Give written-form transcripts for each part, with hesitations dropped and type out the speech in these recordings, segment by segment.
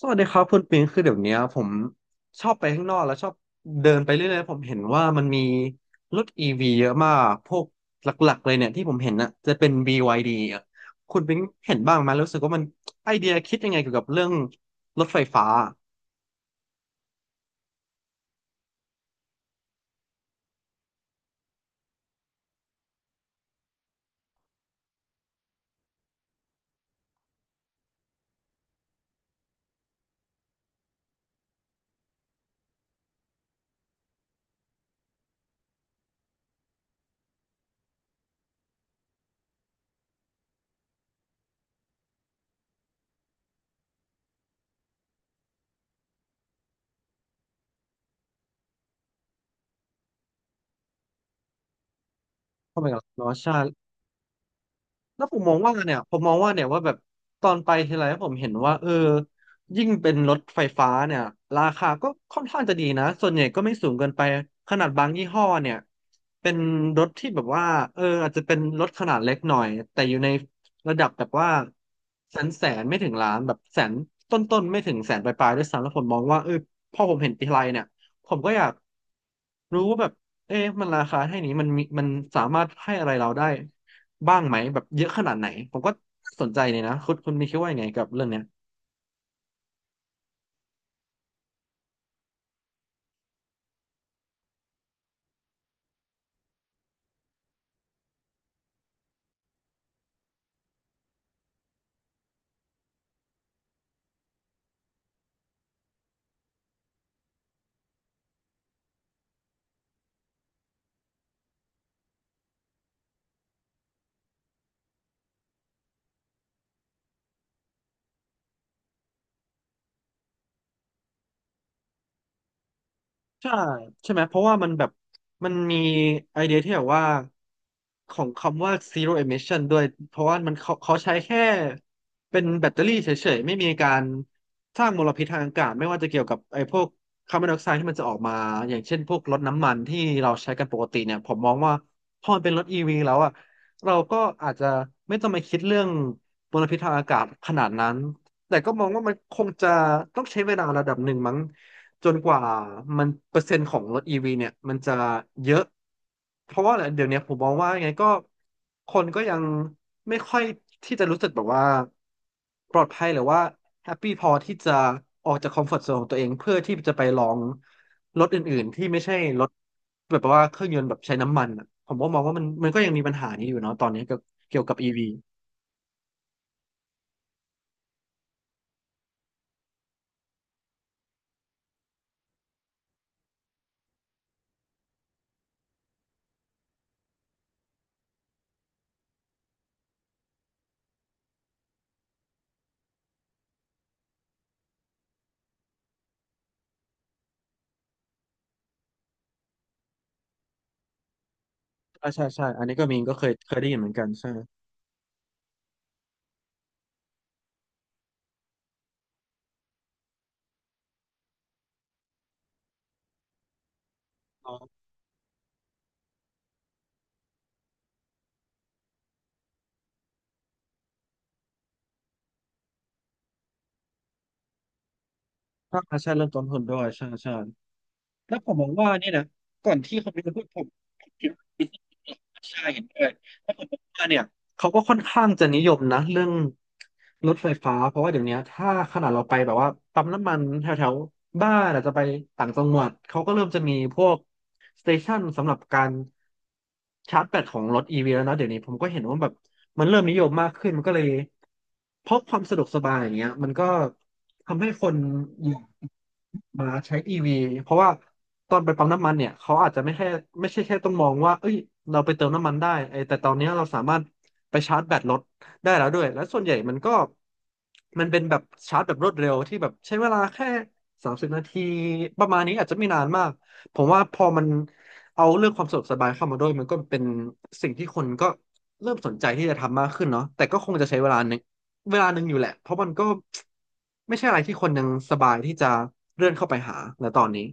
สวัสดีครับคุณปิงคือเดี๋ยวเนี้ยผมชอบไปข้างนอกแล้วชอบเดินไปเรื่อยๆผมเห็นว่ามันมีรถอีวีเยอะมากพวกหลักๆเลยเนี่ยที่ผมเห็นน่ะจะเป็น BYD อะคุณปิงเห็นบ้างไหมรู้สึกว่ามันไอเดียคิดยังไงเกี่ยวกับเรื่องรถไฟฟ้าเข้าไปกับล้อใช่ แล้วผมมองว่าเนี่ยผมมองว่าเนี่ยว่าแบบตอนไปทีไรผมเห็นว่ายิ่งเป็นรถไฟฟ้าเนี่ยราคาก็ค่อนข้างจะดีนะส่วนใหญ่ก็ไม่สูงเกินไปขนาดบางยี่ห้อเนี่ยเป็นรถที่แบบว่าอาจจะเป็นรถขนาดเล็กหน่อยแต่อยู่ในระดับแบบว่าแสนแสนไม่ถึงล้านแบบแสนต้นๆไม่ถึงแสนปลายๆด้วยซ้ำแล้วผมมองว่าพอผมเห็นทีไรเนี่ยผมก็อยากรู้ว่าแบบเอ๊ะมันราคาให้นี้มันมีมันสามารถให้อะไรเราได้ บ้างไหมแบบเยอะขนาดไหนผมก็สนใจเลยนะคุณมีคิดว่ายังไงกับเรื่องเนี้ย ใช่ใช่ไหมเพราะว่ามันแบบมันมีไอเดียที่แบบว่าของคำว่า zero emission ด้วยเพราะว่ามันเขาใช้แค่เป็นแบตเตอรี่เฉยๆไม่มีการสร้างมลพิษทางอากาศไม่ว่าจะเกี่ยวกับไอพวกคาร์บอนไดออกไซด์ที่มันจะออกมาอย่างเช่นพวกรถน้ำมันที่เราใช้กันปกติเนี่ยผมมองว่าพอมันเป็นรถ EV แล้วอ่ะเราก็อาจจะไม่ต้องมาคิดเรื่องมลพิษทางอากาศขนาดนั้นแต่ก็มองว่ามันคงจะต้องใช้เวลาระดับหนึ่งมั้ง จนกว่ามันเปอร์เซ็นต์ของรถอีวีเนี่ยมันจะเยอะเพราะว่าอะไรเดี๋ยวเนี้ยผมมองว่ายังไงก็คนก็ยังไม่ค่อยที่จะรู้สึกแบบว่าปลอดภัยหรือว่าแฮปปี้พอที่จะออกจากคอมฟอร์ z โซนของตัวเองเพื่อที่จะไปลองรถอื่นๆที่ไม่ใช่รถแบบว่าเครื่องยนต์แบบใช้น้ำมันอะผมก็มองว่ามันก็ยังมีปัญหานี้อยู่เนาะตอนนี้เกี่ยวกับอีวีใช่ใช่ใช่อันนี้ก็มีก็เคยได้ยินเหมือนกันใช่อ๋อถ้าใช่เรื่องต้นทุนด้วยใช่ใช่ แล้วผมมองว่าเนี่ยนะก่อนที่เขาจะพูดผมคิดว่าเป็นสิ่งที่ใช่เห็นด้วยแล้วผมว่าเนี่ยเขาก็ค่อนข้างจะนิยมนะเรื่องรถไฟฟ้าเพราะว่าเดี๋ยวนี้ถ้าขนาดเราไปแบบว่าปั๊มน้ำมันแถวแถวบ้านอาจจะไปต่างจังหวัดเขาก็เริ่มจะมีพวกสเตชันสำหรับการชาร์จแบตของรถอีวีแล้วนะเดี๋ยวนี้ผมก็เห็นว่าแบบมันเริ่มนิยมมากขึ้นมันก็เลยเพราะความสะดวกสบายอย่างเงี้ยมันก็ทำให้คน มาใช้ EV เพราะว่าตอนไปปั๊มน้ำมันเนี่ยเขาอาจจะไม่แค่ไม่ใช่แค่ต้องมองว่าเอ้ยเราไปเติมน้ำมันได้ไอ้แต่ตอนเนี้ยเราสามารถไปชาร์จแบตรถได้แล้วด้วยและส่วนใหญ่มันก็มันเป็นแบบชาร์จแบบรวดเร็วที่แบบใช้เวลาแค่30 นาทีประมาณนี้อาจจะไม่นานมากผมว่าพอมันเอาเรื่องความสะดวกสบายเข้ามาด้วยมันก็เป็นสิ่งที่คนก็เริ่มสนใจที่จะทำมากขึ้นเนาะแต่ก็คงจะใช้เวลา เวลาหนึ่งอยู่แหละ เพราะมันก็ไม่ใช่อะไรที่คนยังสบายที่จะเลื่อนเข้าไปหาในตอนนี้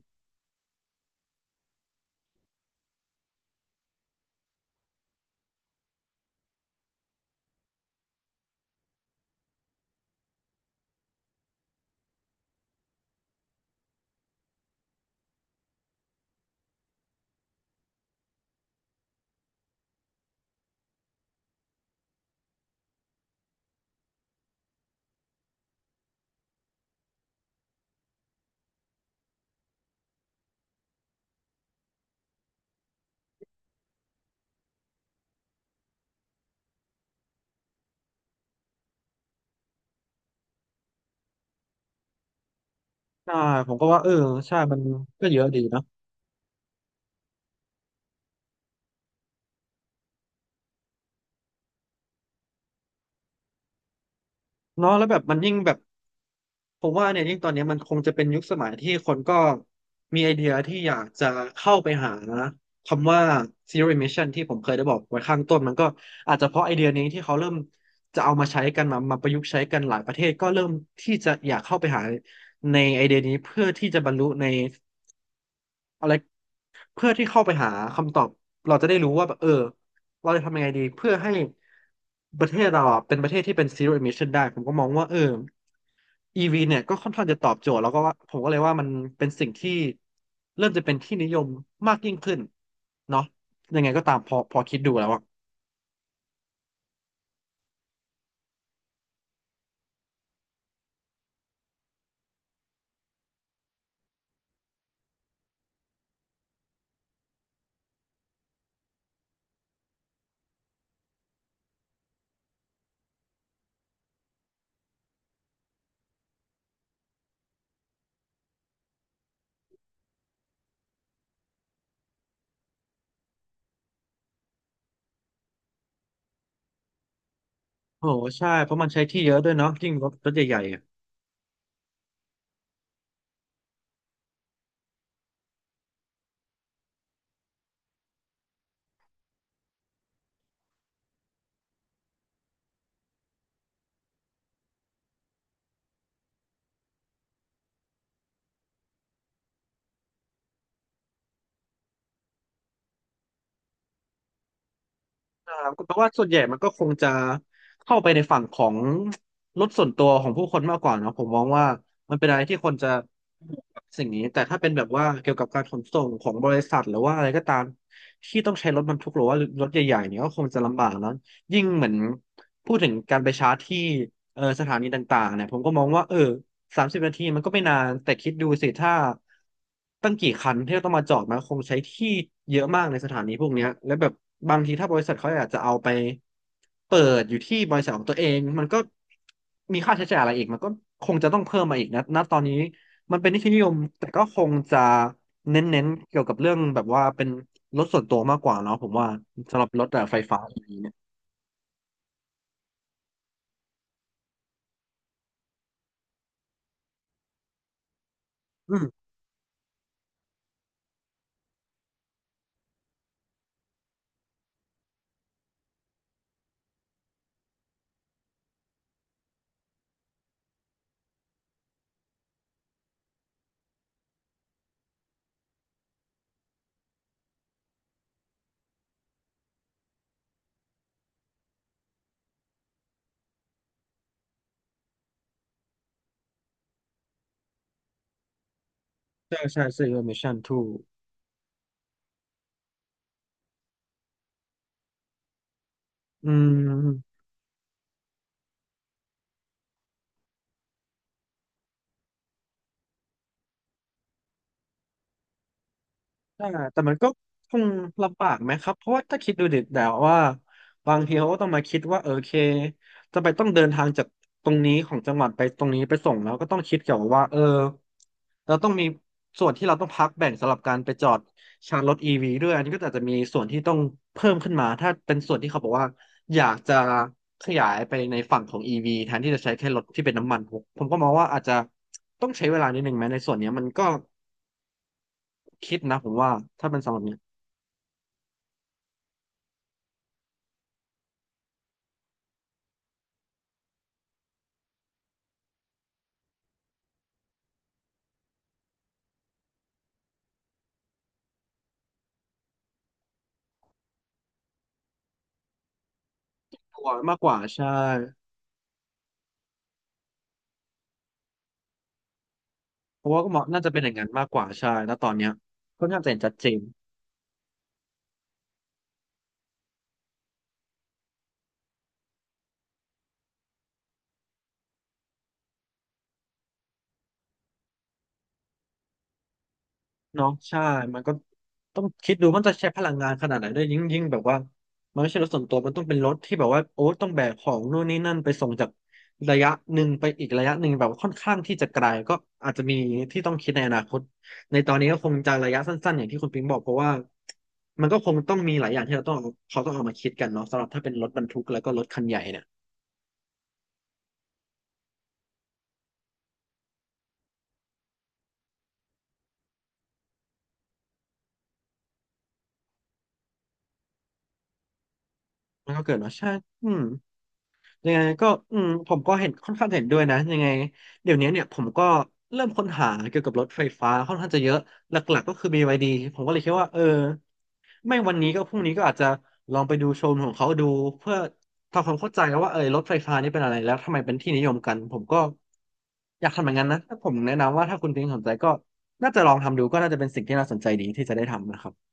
ใช่ผมก็ว่าใช่มันก็เยอะดีนะเนาะแล้วแบบมันยิ่งแบบผมว่าเนี่ยยิ่งตอนเนี้ยมันคงจะเป็นยุคสมัยที่คนก็มีไอเดียที่อยากจะเข้าไปหานะคำว่า zero emission ที่ผมเคยได้บอกไว้ข้างต้นมันก็อาจจะเพราะไอเดียนี้ที่เขาเริ่มจะเอามาใช้กันมาประยุกต์ใช้กันหลายประเทศก็เริ่มที่จะอยากเข้าไปหาในไอเดียนี้เพื่อที่จะบรรลุในอะไร เพื่อที่เข้าไปหาคำตอบเราจะได้รู้ว่าแบบเราจะทำยังไงดีเพื่อให้ประเทศเราอะเป็นประเทศที่เป็น zero emission ได้ผมก็มองว่าเออ EV เนี่ยก็ค่อนข้างจะตอบโจทย์แล้วก็ว่าผมก็เลยว่ามันเป็นสิ่งที่เริ่มจะเป็นที่นิยมมากยิ่งขึ้นเนาะยังไงก็ตามพอคิดดูแล้วอ่ะโอ้โหใช่เพราะมันใช้ที่เยอะด้วยเนาะยิ่งรถใหญ่ๆ คเพราะว่าส่วนใหญ่มันก็คงจะเข้าไปในฝั่งของรถส่วนตัวของผู้คนมากกว่าเนอะผมมองว่ามันเป็นอะไรที่คนจะสิ่งนี้แต่ถ้าเป็นแบบว่าเกี่ยวกับการขนส่งของบริษัทหรือว่าอะไรก็ตามที่ต้องใช้รถบรรทุกหรือว่ารถใหญ่ๆเนี่ยก็คงจะลำบากแลยิ่งเหมือนพูดถึงการไปชาร์จที่สถานีต่างๆเนี่ยผมก็มองว่า30 นาทีมันก็ไม่นานแต่คิดดูสิถ้าตั้งกี่คันที่เราต้องมาจอดมันคงใช้ที่เยอะมากในสถานีพวกเนี้ยแล้วแบบบางทีถ้าบริษัทเขาอยากจะเอาไปเปิดอยู่ที่บริษัทของตัวเองมันก็มีค่าใช้จ่ายอะไรอีกมันก็คงจะต้องเพิ่มมาอีกนะณตอนนี้มันเป็นที่นิยมแต่ก็คงจะเน้นๆเกี่ยวกับเรื่องแบบว่าเป็นรถส่วนตัวมากกว่าเนาะผมว่าสำหรับรถแบบไฟฟ้าอย่างนี้เนี่ยอืมใช่ใช่ซื้อ emission t o อืม อ่าแต่มันก็คงลำบากไหมครับเพราะว่าถ้าคิดดูดิแต่วว่าบางทีเขาก็ต้องมาคิดว่าโอเคจะไปต้องเดินทางจากตรงนี้ของจังหวัดไปตรงนี้ไปส่งแล้วก็ต้องคิดเกี่ยวกับว่าเราต้องมีส่วนที่เราต้องพักแบ่งสำหรับการไปจอดชาร์จรถอีวีด้วยอันนี้ก็อาจจะมีส่วนที่ต้องเพิ่มขึ้นมาถ้าเป็นส่วนที่เขาบอกว่าอยากจะขยายไปในฝั่งของอีวีแทนที่จะใช้แค่รถที่เป็นน้ำมันผมก็มองว่าอาจจะต้องใช้เวลานิดนึงไหมในส่วนเนี้ยมันก็คิดนะผมว่าถ้าเป็นสำหรับเนี้ย ตัวมากกว่าใช่เพราะว่าก็เหมาะน่าจะเป็นอย่างนั้นมากกว่าใช่ณตอนเนี้ยค่อนข้างจะเห็นชัดเจนเนาะใช่มันก็ต้องคิดดูมันจะใช้พลังงานขนาดไหนด้วยยิ่งแบบว่ามันไม่ใช่รถส่วนตัวมันต้องเป็นรถที่แบบว่าโอ้ต้องแบกของนู่นนี่นั่นไปส่งจากระยะหนึ่งไปอีกระยะหนึ่งแบบค่อนข้างที่จะไกลก็อาจจะมีที่ต้องคิดในอนาคตในตอนนี้ก็คงจะระยะสั้นๆอย่างที่คุณปิงบอกเพราะว่ามันก็คงต้องมีหลายอย่างที่เราต้องเอาเขาต้องเอามาคิดกันเนาะสำหรับถ้าเป็นรถบรรทุกแล้วก็รถคันใหญ่เนี่ยมันก็เกิดมาใช่อืม ยังไงก็อืมผมก็เห็นค่อนข้างเห็นด้วยนะยังไงเดี๋ยวนี้เนี่ยผมก็เริ่มค้นหาเกี่ยวกับรถไฟฟ้าค่อนข้างจะเยอะหลักๆก็คือ b ดีผมก็เลยคิดว่าไม่วันนี้ก็พรุ่งนี้ก็อาจจะลองไปดูโชว์รูมของเขาดูเพื่อทำความเข้าใจว่ารถไฟฟ้านี่เป็นอะไรแล้วทำไมเป็นที่นิยมกันผมก็อยากทำอย่างนั้นนะถ้าผมแนะนำว่าถ้าคุณพิงค์สนใจก็น่าจะลองทำดูก็น่าจะเป็นสิ่งที่น่าสนใจดีที่จะได้ทำนะครับ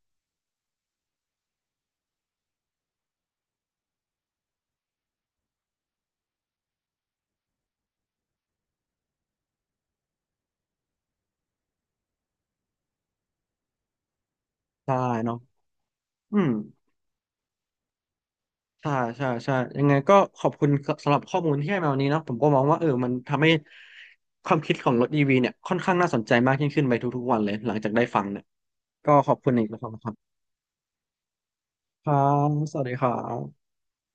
ใช่เนาะอืม ใช่ใช่ยังไงก็ขอบคุณสำหรับข้อมูลที่ให้มาวันนี้เนาะผมก็มองว่ามันทำให้ความคิดของรถอีวีเนี่ยค่อนข้างน่าสนใจมากยิ่งขึ้นไปทุกๆวันเลยหลังจากได้ฟังเนี่ยก็ขอบคุณอีกนะครับครับสวัสดีครับ